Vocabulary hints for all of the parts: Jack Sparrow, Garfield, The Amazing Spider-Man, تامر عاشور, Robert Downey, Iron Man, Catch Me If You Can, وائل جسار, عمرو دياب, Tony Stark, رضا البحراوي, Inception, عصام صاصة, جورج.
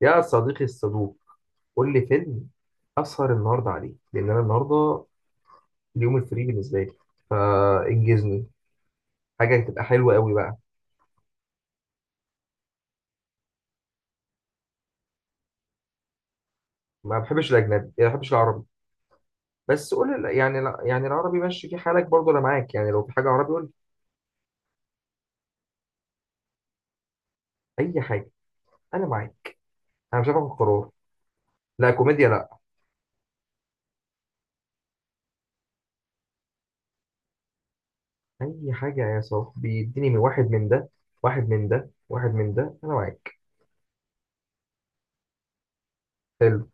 يا صديقي الصدوق، قول لي فيلم أسهر النهاردة عليه لأن أنا النهاردة اليوم الفري بالنسبة لي، فإنجزني حاجة تبقى حلوة قوي بقى. ما بحبش الأجنبي ما بحبش العربي. بس قول لي- يعني لا- يعني العربي ماشي في حالك برضه، أنا معاك، يعني لو في حاجة عربي قول لي أي حاجة، أنا معاك، أنا مش هاخد قرار. لا كوميديا لا، أي حاجة يا صاحبي، اديني من واحد من ده، واحد من ده واحد من ده، أنا معاك. حلو.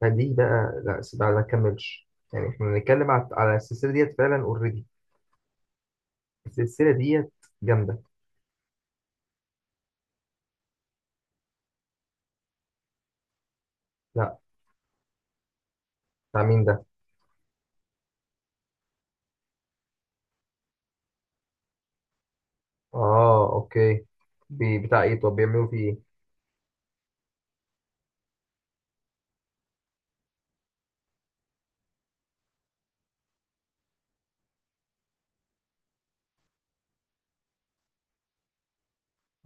فدي بقى لا بقى ما كملش، يعني احنا بنتكلم على السلسلة ديت فعلا اوريدي. السلسلة ديت جامدة. لا. بتاع مين ده؟ اه اوكي. بي بتاع ايه؟ طب بيعملوا فيه ايه؟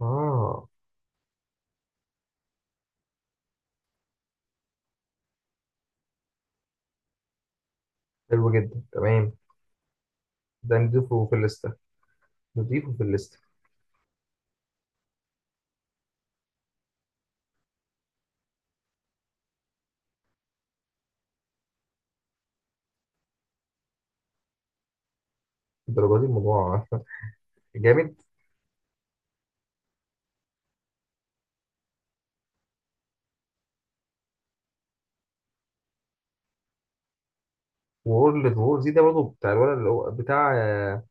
اه. حلو جدا، تمام. ده نضيفه في الليستة، نضيفه في الليستة. الدرجة دي الموضوع جامد. وورلد وور زي ده برضه بتاع الولد اللي هو بتاع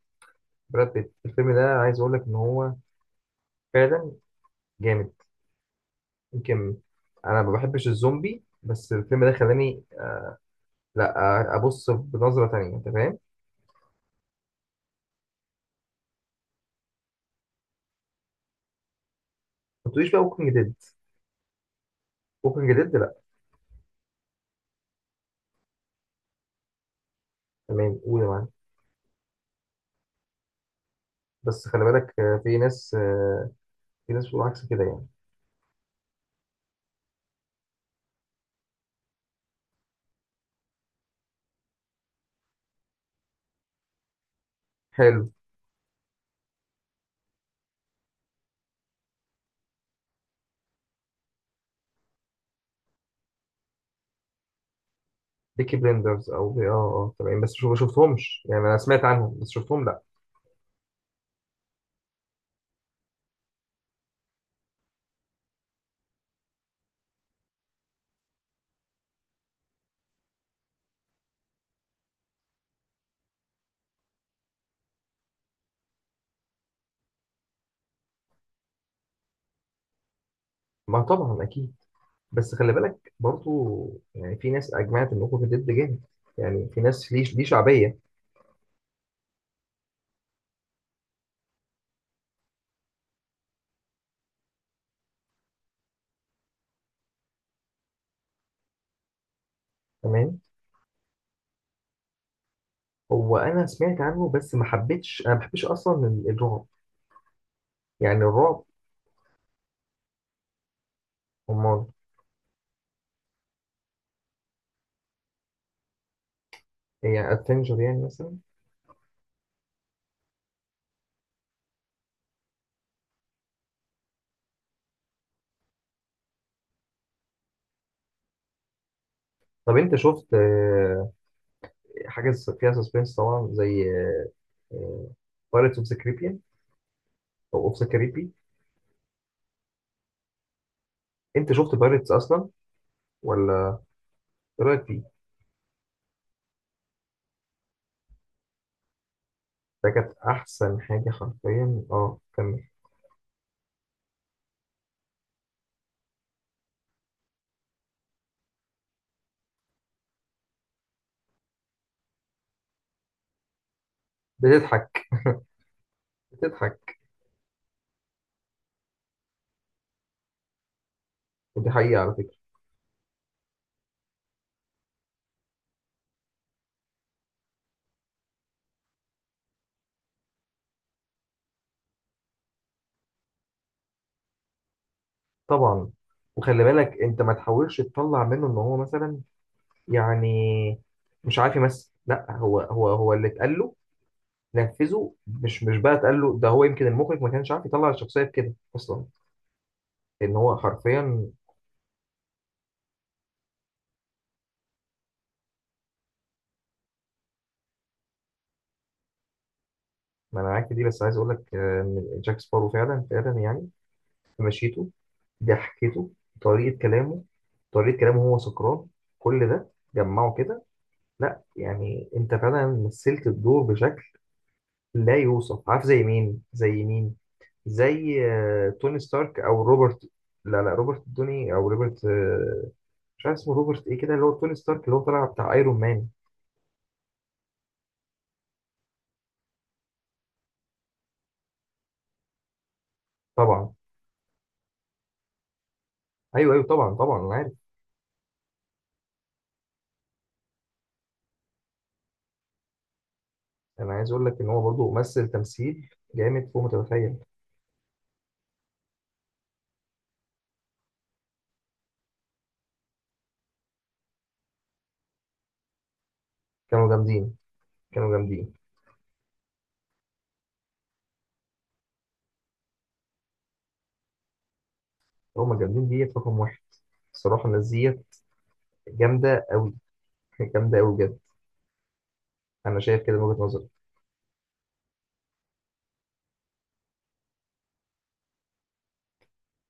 براد بيت. الفيلم ده عايز اقول لك ان هو فعلا جامد. يمكن انا ما بحبش الزومبي بس الفيلم ده خلاني. لا، ابص بنظرة تانية، انت فاهم. ما تقوليش بقى ووكينج ديد. ووكينج ديد لا. تمام، قول يا معلم. بس خلي بالك، في ناس، في ناس بتقول عكس كده يعني. حلو. بيكي بلندرز او بي، اه اه تمام، بس ما شفتهمش، يعني انا سمعت عنهم بس شفتهم لا. ما طبعا اكيد. بس خلي بالك برضو، يعني في ناس اجمعت ان اوكي ضد جامد، يعني في ناس ليه ليه شعبيه. تمام. هو انا سمعت عنه بس ما حبيتش، انا ما بحبش اصلا الرعب، يعني الرعب. امال. يعني ادفنجر يعني مثلا. طب انت شفت حاجه فيها سسبنس طبعا، زي بايرتس اوف ذا كاريبيان او اوف ذا- انت شفت بايرتس اصلا ولا؟ ايه رايك فيه؟ ده كانت احسن حاجه حرفيا، اه كمل. بتضحك بتضحك. ودي حقيقه على فكره. طبعا. وخلي بالك انت ما تحاولش تطلع منه ان هو مثلا يعني مش عارف يمثل، لا هو هو اللي اتقال له نفذه، مش بقى اتقال له ده، هو يمكن المخرج ما كانش عارف يطلع الشخصيه بكده اصلا، ان هو حرفيا. ما انا معاك في دي، بس عايز اقول لك ان جاك سبارو فعلا فعلا يعني في مشيته، ضحكته، طريقة كلامه، طريقة كلامه هو سكران، كل ده جمعه كده. لا يعني انت فعلا مثلت الدور بشكل لا يوصف، عارف؟ زي مين، زي مين؟ زي توني ستارك او روبرت. لا لا، روبرت دوني او روبرت، مش عارف اسمه، روبرت ايه كده، اللي هو توني ستارك اللي هو طالع بتاع ايرون مان. طبعا. ايوه ايوه طبعا طبعا، انا عارف. انا عايز اقول لك ان هو برضه ممثل تمثيل جامد فوق ما تتخيل. كانوا جامدين، كانوا جامدين. هما جامدين ديت رقم واحد، الصراحة الناس ديت جامدة أوي. جامدة أوي بجد. أنا شايف كده من وجهة نظري.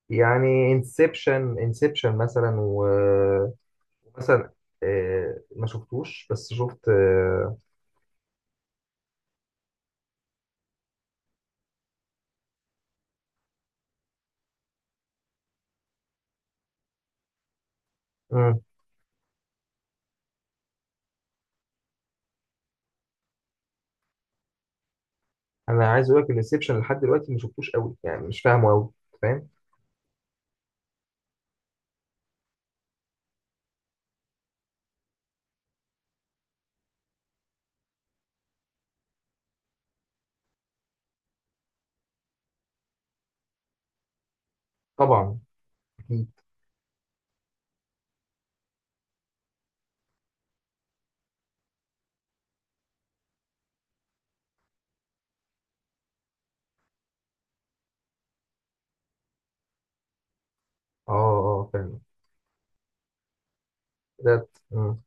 يعني انسبشن انسبشن مثلا ومثلا ما شفتوش بس شفت. مم. أنا عايز أقول لك الانسبشن لحد دلوقتي ما شفتوش أوي، يعني مش فاهمه أوي، فاهم؟ طبعا أكيد. أه أه فاهم. ده. مم.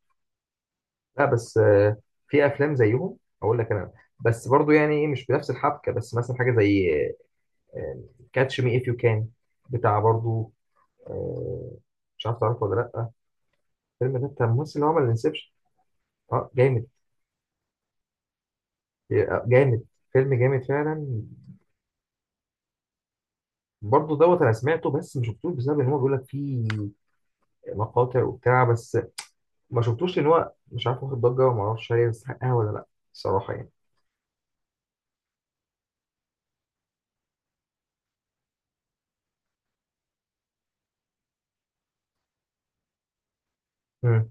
لا بس في أفلام زيهم أقول لك أنا، بس برضو يعني إيه مش بنفس الحبكة، بس مثلا حاجة زي كاتش مي اف يو كان، بتاع برضو، آه، مش عارف تعرفه ولا لا. الفيلم ده بتاع الممثل اللي عمل انسبشن. اه جامد. جامد، فيلم جامد فعلا. برضو دوت انا سمعته بس ما شفتوش، بسبب ان هو بيقول لك فيه مقاطع وبتاع بس، ما شفتوش لان هو مش عارف واخد ضجه، وما اعرفش هل يستحقها ولا لا، الصراحه يعني. مم.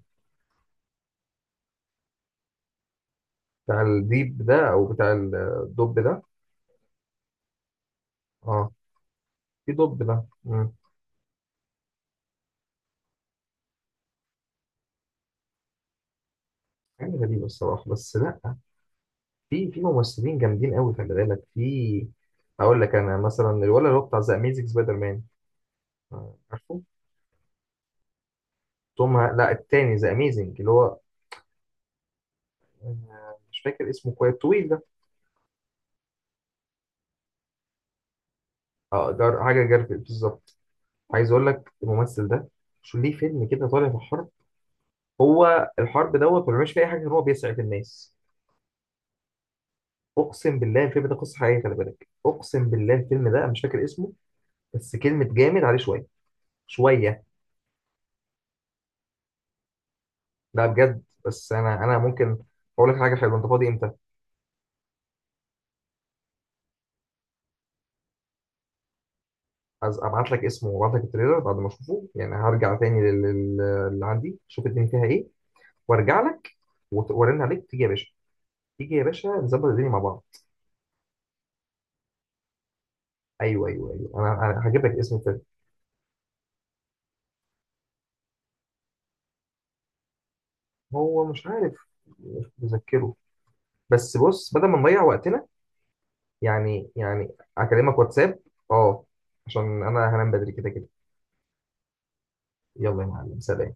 بتاع الديب ده او بتاع الدب ده؟ اه، في دب ده. مم. حاجه غريبه الصراحه، بس لا، في ممثلين جامدين قوي خلي بالك، في هقول لك انا مثلا الولد اللي هو بتاع ذا اميزنج سبايدر مان، عارفه؟ توم لا التاني ذا اميزنج اللي هو مش فاكر اسمه كويس، طويل ده. اه، جار حاجه جارفيل بالظبط. عايز اقول لك الممثل ده شو ليه فيلم كده طالع في حرب، هو الحرب دوت ما بيعملش فيه اي حاجه غير هو بيسعف الناس. اقسم بالله الفيلم ده قصه حقيقيه، خلي بالك، اقسم بالله الفيلم ده. أنا مش فاكر اسمه بس كلمه جامد عليه شويه شويه. ده بجد، بس انا ممكن اقول لك حاجه حلوه، انت فاضي امتى؟ عايز ابعت لك اسمه وابعت لك التريلر بعد ما اشوفه، يعني هرجع تاني اللي عندي شوف الدنيا فيها ايه وارجع لك، وارن عليك، تيجي يا باشا، تيجي يا باشا نظبط الدنيا مع بعض. ايوه ايوه ايوه، أنا هجيب لك اسم الفيلم. هو مش عارف، مش متذكره، بس بص بدل ما نضيع وقتنا، يعني اكلمك واتساب. اه. عشان انا هنام بدري كده كده. يلا يا معلم، سلام.